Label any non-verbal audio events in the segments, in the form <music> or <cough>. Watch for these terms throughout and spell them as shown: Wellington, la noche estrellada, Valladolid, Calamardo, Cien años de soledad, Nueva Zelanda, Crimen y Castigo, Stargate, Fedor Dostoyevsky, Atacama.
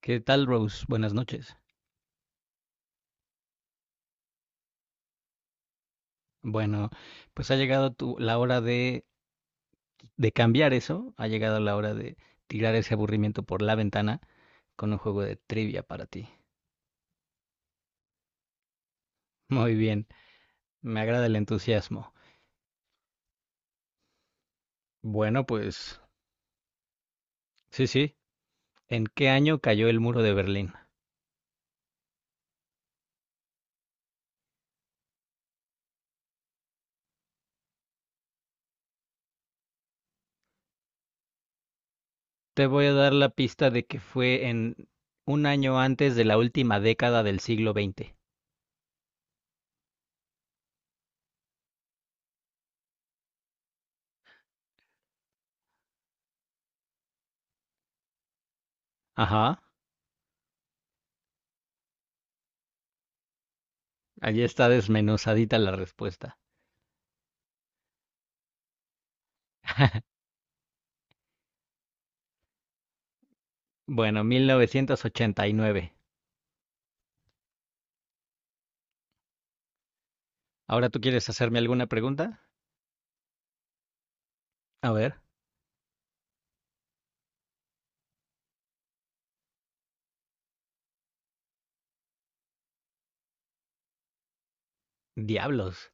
¿Qué tal, Rose? Buenas noches. Bueno, pues ha llegado la hora de cambiar eso, ha llegado la hora de tirar ese aburrimiento por la ventana con un juego de trivia para ti. Muy bien, me agrada el entusiasmo. Bueno, pues sí, sí. ¿En qué año cayó el muro de Berlín? Te voy a dar la pista de que fue en un año antes de la última década del siglo XX. Ajá, allí está desmenuzadita la respuesta. <laughs> Bueno, 1989. ¿Ahora tú quieres hacerme alguna pregunta? A ver, diablos.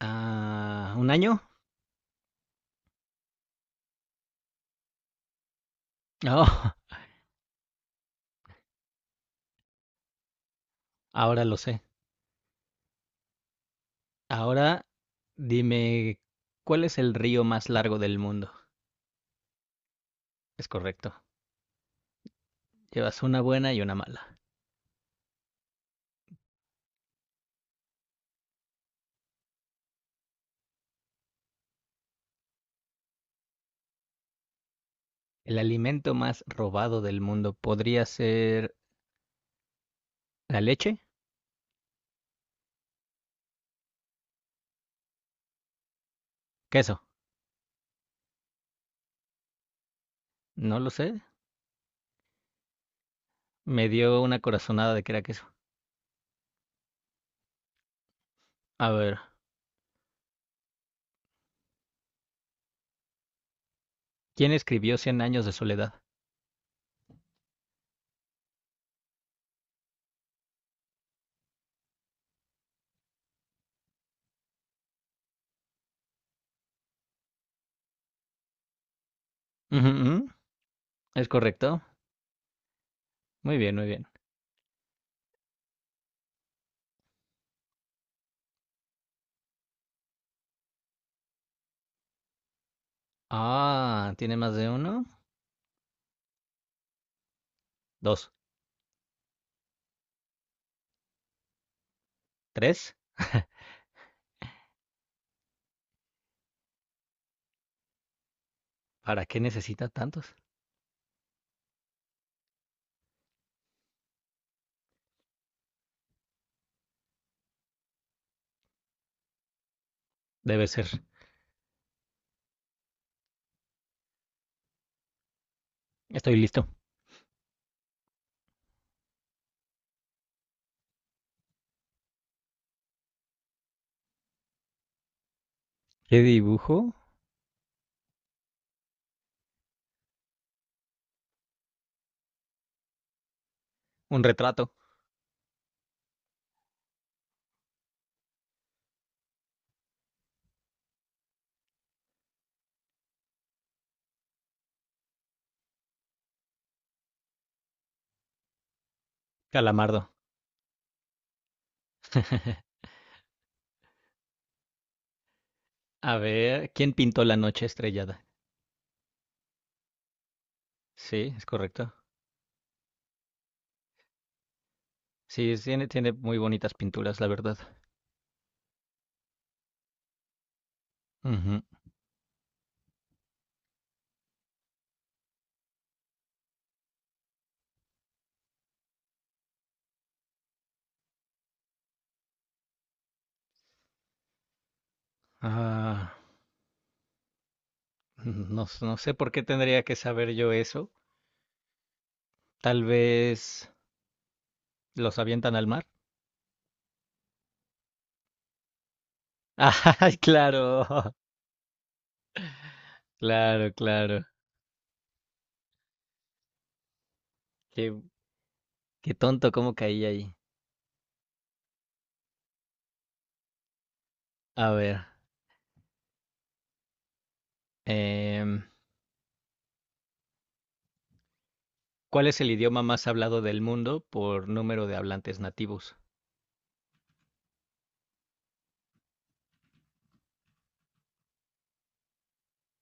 Ah, ¿un año? Oh, <laughs> ahora lo sé. Ahora dime, ¿cuál es el río más largo del mundo? Es correcto. Llevas una buena y una mala. El alimento más robado del mundo podría ser la leche, queso. No lo sé. Me dio una corazonada de que era queso. A ver, ¿quién escribió Cien años de soledad? Ujú, ujú, es correcto. Muy bien, muy bien. Ah, ¿tiene más de uno? Dos, tres. ¿Para qué necesita tantos? Debe ser. Estoy listo. ¿Qué dibujo? Un retrato. Calamardo. <laughs> A ver, ¿quién pintó la noche estrellada? Sí, es correcto. Sí, tiene muy bonitas pinturas, la verdad. Ujú. Ah, no, no sé por qué tendría que saber yo eso. Tal vez los avientan al mar. <laughs> ¡Ay, claro! Claro, claro. Qué, qué tonto, cómo caí ahí. A ver. em, ¿Cuál es el idioma más hablado del mundo por número de hablantes nativos?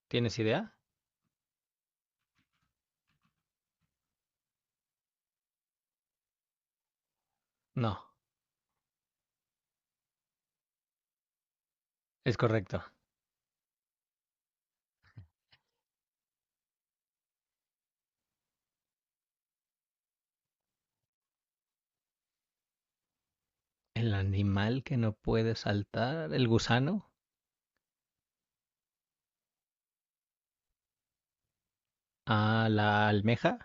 ¿Tienes idea? No, es correcto. El animal que no puede saltar, el gusano, a la almeja,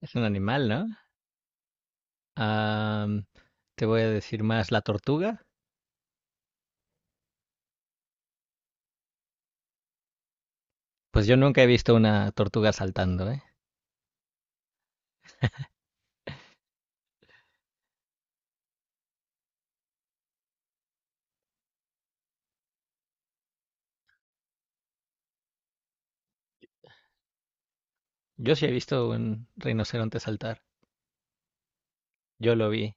es un animal, ¿no? Am, te voy a decir más, la tortuga. Pues yo nunca he visto una tortuga saltando, ¿eh? Yo sí he visto un rinoceronte saltar. Yo lo vi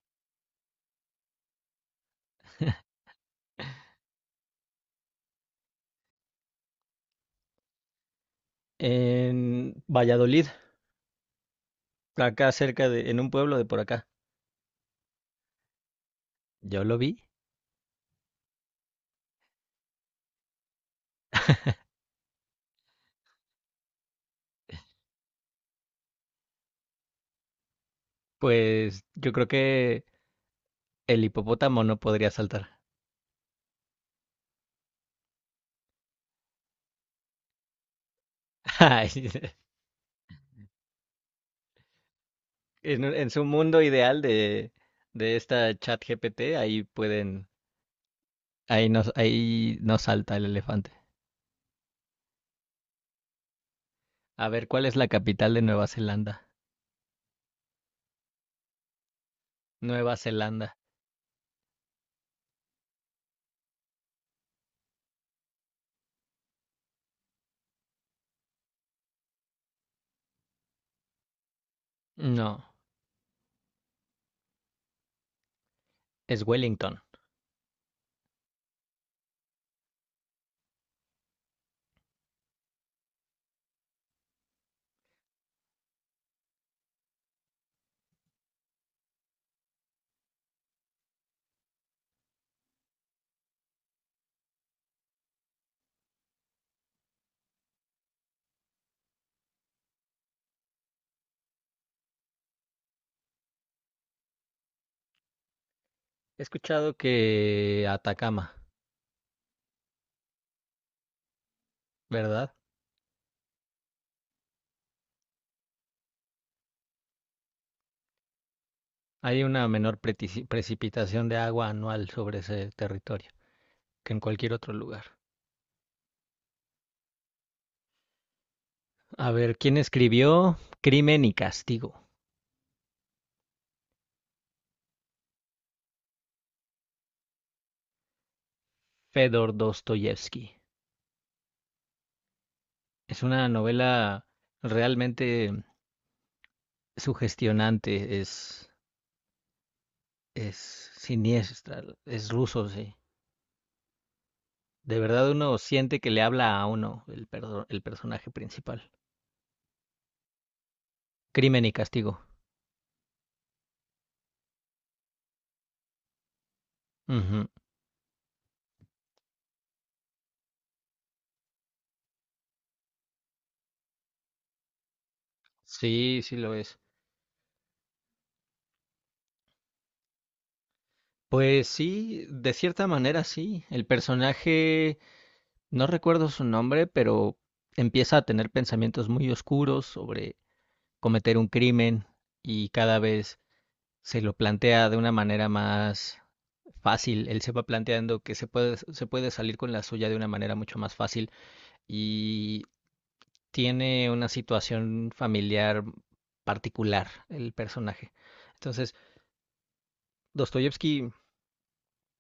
en Valladolid, acá cerca de, en un pueblo de por acá. Yo lo vi. Pues yo creo que el hipopótamo no podría saltar. <laughs> Ay, en, en su mundo ideal de esta chat GPT, ahí pueden, ahí no salta el elefante. A ver, ¿cuál es la capital de Nueva Zelanda? Nueva Zelanda. No, es Wellington. He escuchado que Atacama, ¿verdad? Hay una menor precipitación de agua anual sobre ese territorio que en cualquier otro lugar. A ver, ¿quién escribió Crimen y Castigo? Fedor Dostoyevsky. Es una novela realmente sugestionante, es siniestra, es ruso, sí. De verdad uno siente que le habla a uno el personaje principal. Crimen y castigo. Ujú. Sí, sí lo es. Pues sí, de cierta manera sí. El personaje, no recuerdo su nombre, pero empieza a tener pensamientos muy oscuros sobre cometer un crimen y cada vez se lo plantea de una manera más fácil, él se va planteando que se puede salir con la suya de una manera mucho más fácil y tiene una situación familiar particular el personaje. Entonces, Dostoyevsky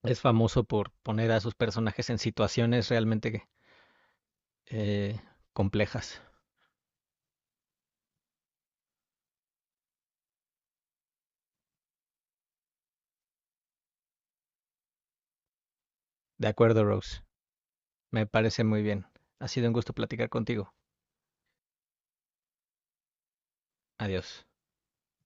es famoso por poner a sus personajes en situaciones realmente eh, complejas. De acuerdo, Rose. Me parece muy bien. Ha sido un gusto platicar contigo. Adiós.